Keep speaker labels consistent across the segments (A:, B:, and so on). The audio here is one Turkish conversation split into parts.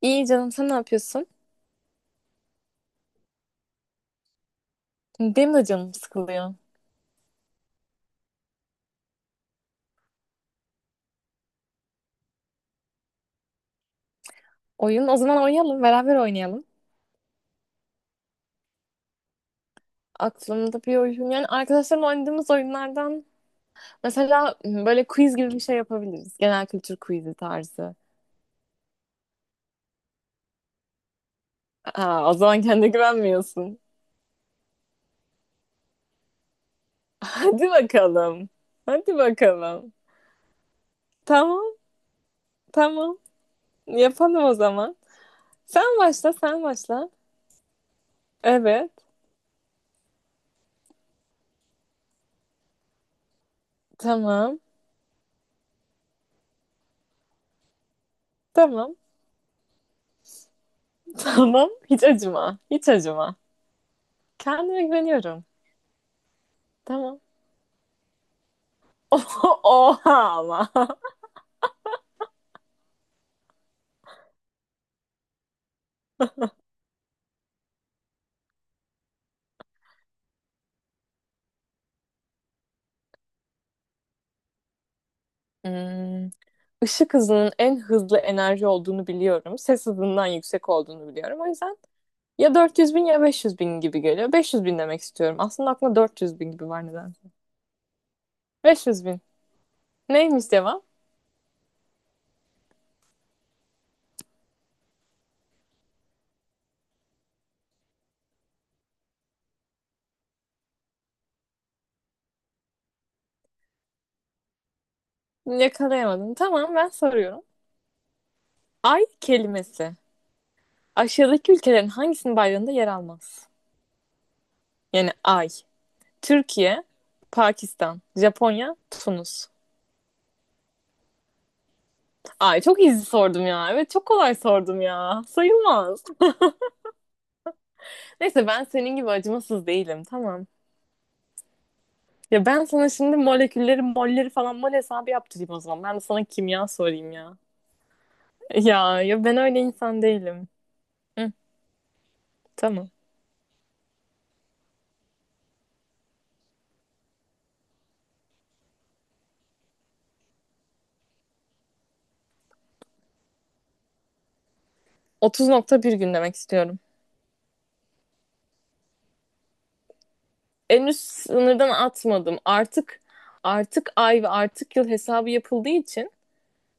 A: İyi canım sen ne yapıyorsun? Benim de canım sıkılıyor. Oyun o zaman oynayalım beraber oynayalım. Aklımda bir oyun yani arkadaşlarla oynadığımız oyunlardan mesela böyle quiz gibi bir şey yapabiliriz. Genel kültür quizi tarzı. Aa, o zaman kendine güvenmiyorsun. Hadi bakalım. Hadi bakalım. Tamam tamam, yapalım o zaman. Sen başla, sen başla. Evet, tamam tamam, tamam, hiç acıma hiç acıma. Kendime güveniyorum. Tamam. Oha ama. Hmm. Işık hızının en hızlı enerji olduğunu biliyorum. Ses hızından yüksek olduğunu biliyorum. O yüzden ya 400 bin ya 500 bin gibi geliyor. 500 bin demek istiyorum. Aslında aklımda 400 bin gibi var nedense. 500 bin. Neymiş cevap? Yakalayamadım. Tamam, ben soruyorum. Ay kelimesi. Aşağıdaki ülkelerin hangisinin bayrağında yer almaz? Yani ay. Türkiye, Pakistan, Japonya, Tunus. Ay, çok easy sordum ya. Evet, çok kolay sordum ya. Sayılmaz. Neyse, ben senin gibi acımasız değilim, tamam. Ya ben sana şimdi molekülleri, molleri falan mol hesabı yaptırayım o zaman. Ben de sana kimya sorayım ya. Ya ya, ben öyle insan değilim. Hı, tamam. 30,1 gün demek istiyorum. En üst sınırdan atmadım. Artık ay ve artık yıl hesabı yapıldığı için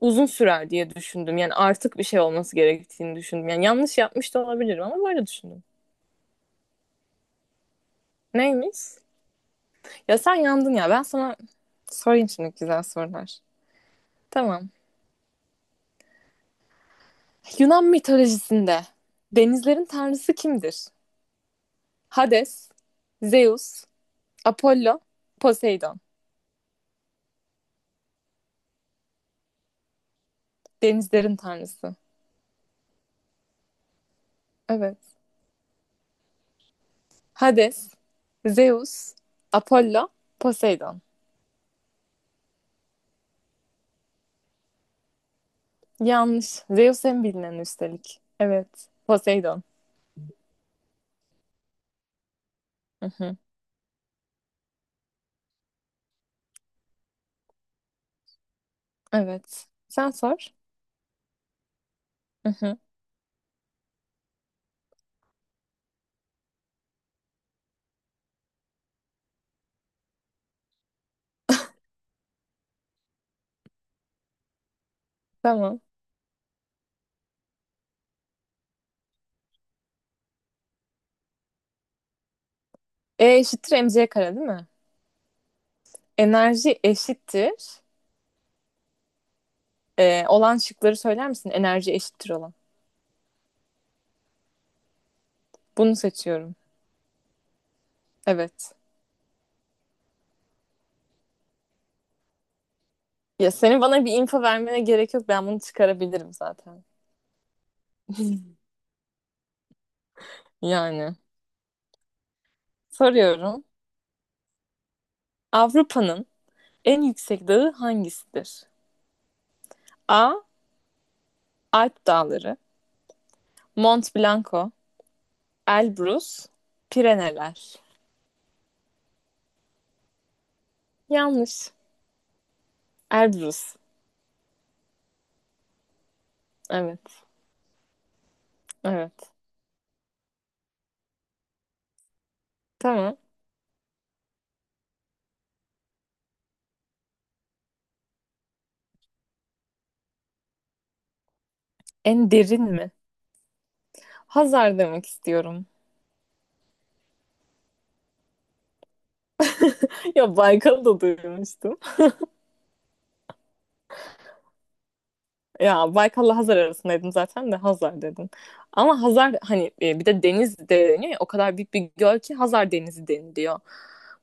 A: uzun sürer diye düşündüm. Yani artık bir şey olması gerektiğini düşündüm. Yani yanlış yapmış da olabilirim ama böyle düşündüm. Neymiş? Ya sen yandın ya. Ben sana sorayım şimdi güzel sorular. Tamam. Yunan mitolojisinde denizlerin tanrısı kimdir? Hades, Zeus, Apollo, Poseidon. Denizlerin tanrısı. Evet. Hades, Zeus, Apollo, Poseidon. Yanlış. Zeus en bilinen üstelik. Evet. Poseidon. Hı hı. Evet. Sen sor. Hı hı. Tamam. E eşittir mc kare değil mi? Enerji eşittir. E, olan şıkları söyler misin? Enerji eşittir olan. Bunu seçiyorum. Evet. Ya senin bana bir info vermene gerek yok. Ben bunu çıkarabilirim zaten. Yani soruyorum. Avrupa'nın en yüksek dağı hangisidir? A. Alp Dağları, Mont Blanco, Elbrus, Pireneler. Yanlış. Elbrus. Evet. Evet. Tamam. En derin mi? Hazar demek istiyorum. Ya Baykal'ı da duymuştum. Ya Baykal'la Hazar arasındaydım zaten de Hazar dedim. Ama Hazar hani bir de deniz de deniyor ya, o kadar büyük bir göl ki Hazar Denizi deniliyor.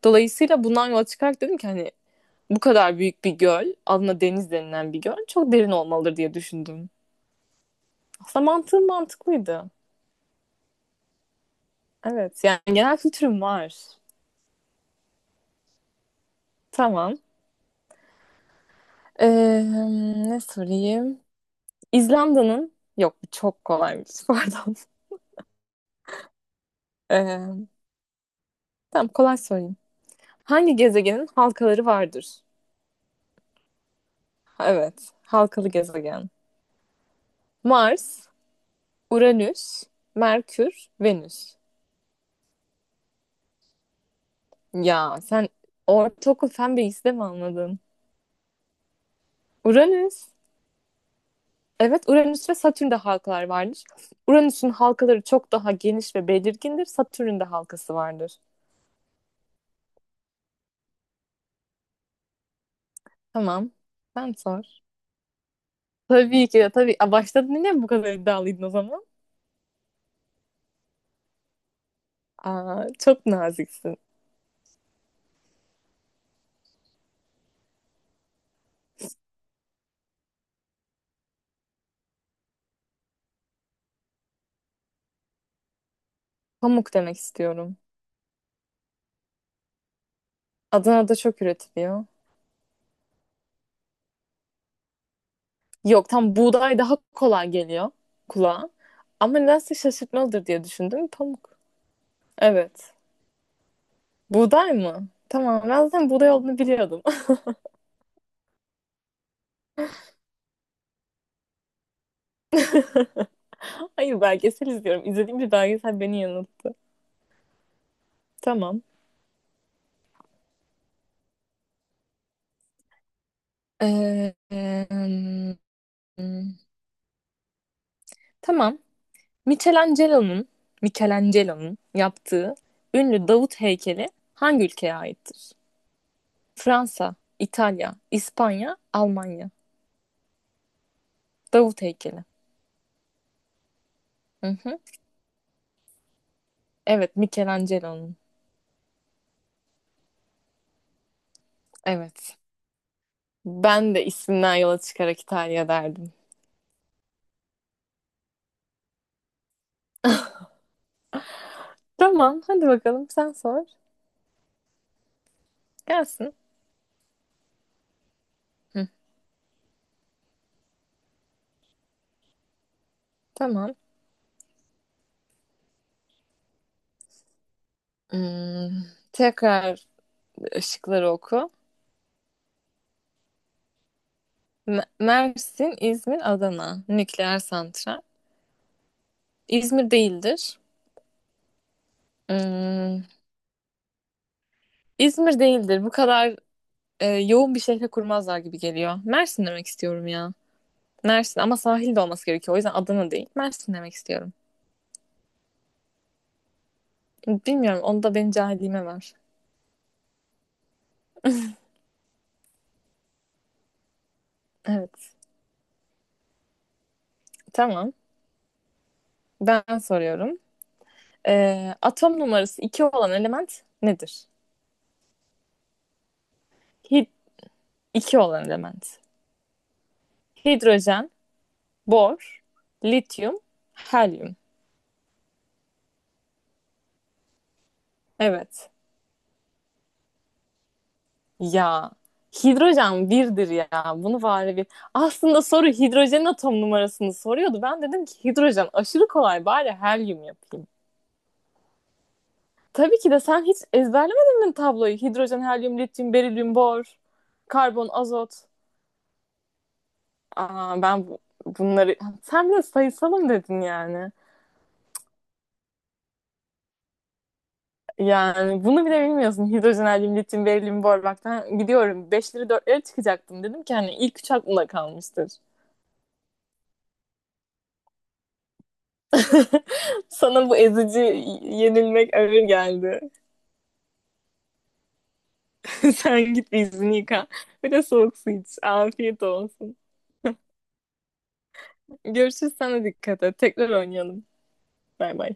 A: Dolayısıyla bundan yola çıkarak dedim ki hani bu kadar büyük bir göl adına deniz denilen bir göl çok derin olmalıdır diye düşündüm. Aslında mantığım mantıklıydı. Evet, yani genel kültürüm var. Tamam. Ee, ne sorayım? İzlanda'nın yok, bu çok kolaymış, pardon. Ee, tamam, kolay sorayım. Hangi gezegenin halkaları vardır? Evet. Halkalı gezegen. Mars, Uranüs, Merkür, Venüs. Ya sen ortaokul fen bilgisi de mi anladın? Uranüs. Evet, Uranüs ve Satürn'de halkalar vardır. Uranüs'ün halkaları çok daha geniş ve belirgindir. Satürn'ün de halkası vardır. Tamam. Sen sor. Tabii ki de tabii. Aa, başladın yine mi, bu kadar iddialıydın o zaman? Aa, çok naziksin. Pamuk demek istiyorum. Adana'da çok üretiliyor. Yok, tam buğday daha kolay geliyor kulağa. Ama nedense şaşırtmalıdır diye düşündüm. Pamuk. Evet. Buğday mı? Tamam, ben zaten buğday olduğunu biliyordum. Hayır, belgesel izliyorum. İzlediğim bir belgesel beni yanılttı. Tamam. Ee, em, tamam. Michelangelo'nun Michelangelo'nun yaptığı ünlü Davut heykeli hangi ülkeye aittir? Fransa, İtalya, İspanya, Almanya. Davut heykeli. Hı hı. Evet, Michelangelo'nun. Evet. Ben de isminden yola çıkarak İtalya derdim. Tamam, hadi bakalım sen sor. Gelsin. Hı, tamam. Hmm, tekrar ışıkları oku. Mersin, İzmir, Adana. Nükleer santral. İzmir değildir. Hmm, İzmir değildir. Bu kadar yoğun bir şehre kurmazlar gibi geliyor. Mersin demek istiyorum ya. Mersin ama sahil de olması gerekiyor. O yüzden Adana değil. Mersin demek istiyorum. Bilmiyorum. Onu da benim cahilliğime var. Evet. Tamam. Ben soruyorum. Atom numarası 2 olan element nedir? Hi 2 olan element. Hidrojen, bor, lityum, helyum. Evet. Ya hidrojen birdir ya. Bunu bari bir... Aslında soru hidrojenin atom numarasını soruyordu. Ben dedim ki hidrojen aşırı kolay, bari helyum yapayım. Tabii ki de, sen hiç ezberlemedin mi tabloyu? Hidrojen, helyum, lityum, berilyum, bor, karbon, azot. Aa, bunları... Sen bile sayısalım dedin yani. Yani bunu bile bilmiyorsun. Hidrojen, helyum, lityum, berilyum, borbaktan gidiyorum. Beşleri dörtleri çıkacaktım. Dedim ki hani ilk üç aklımda kalmıştır. Sana bu ezici yenilmek ağır geldi. Sen git bir yüzünü yıka. Bir de soğuk su iç. Afiyet olsun. Görüşürüz, sana dikkat et. Tekrar oynayalım. Bay bay.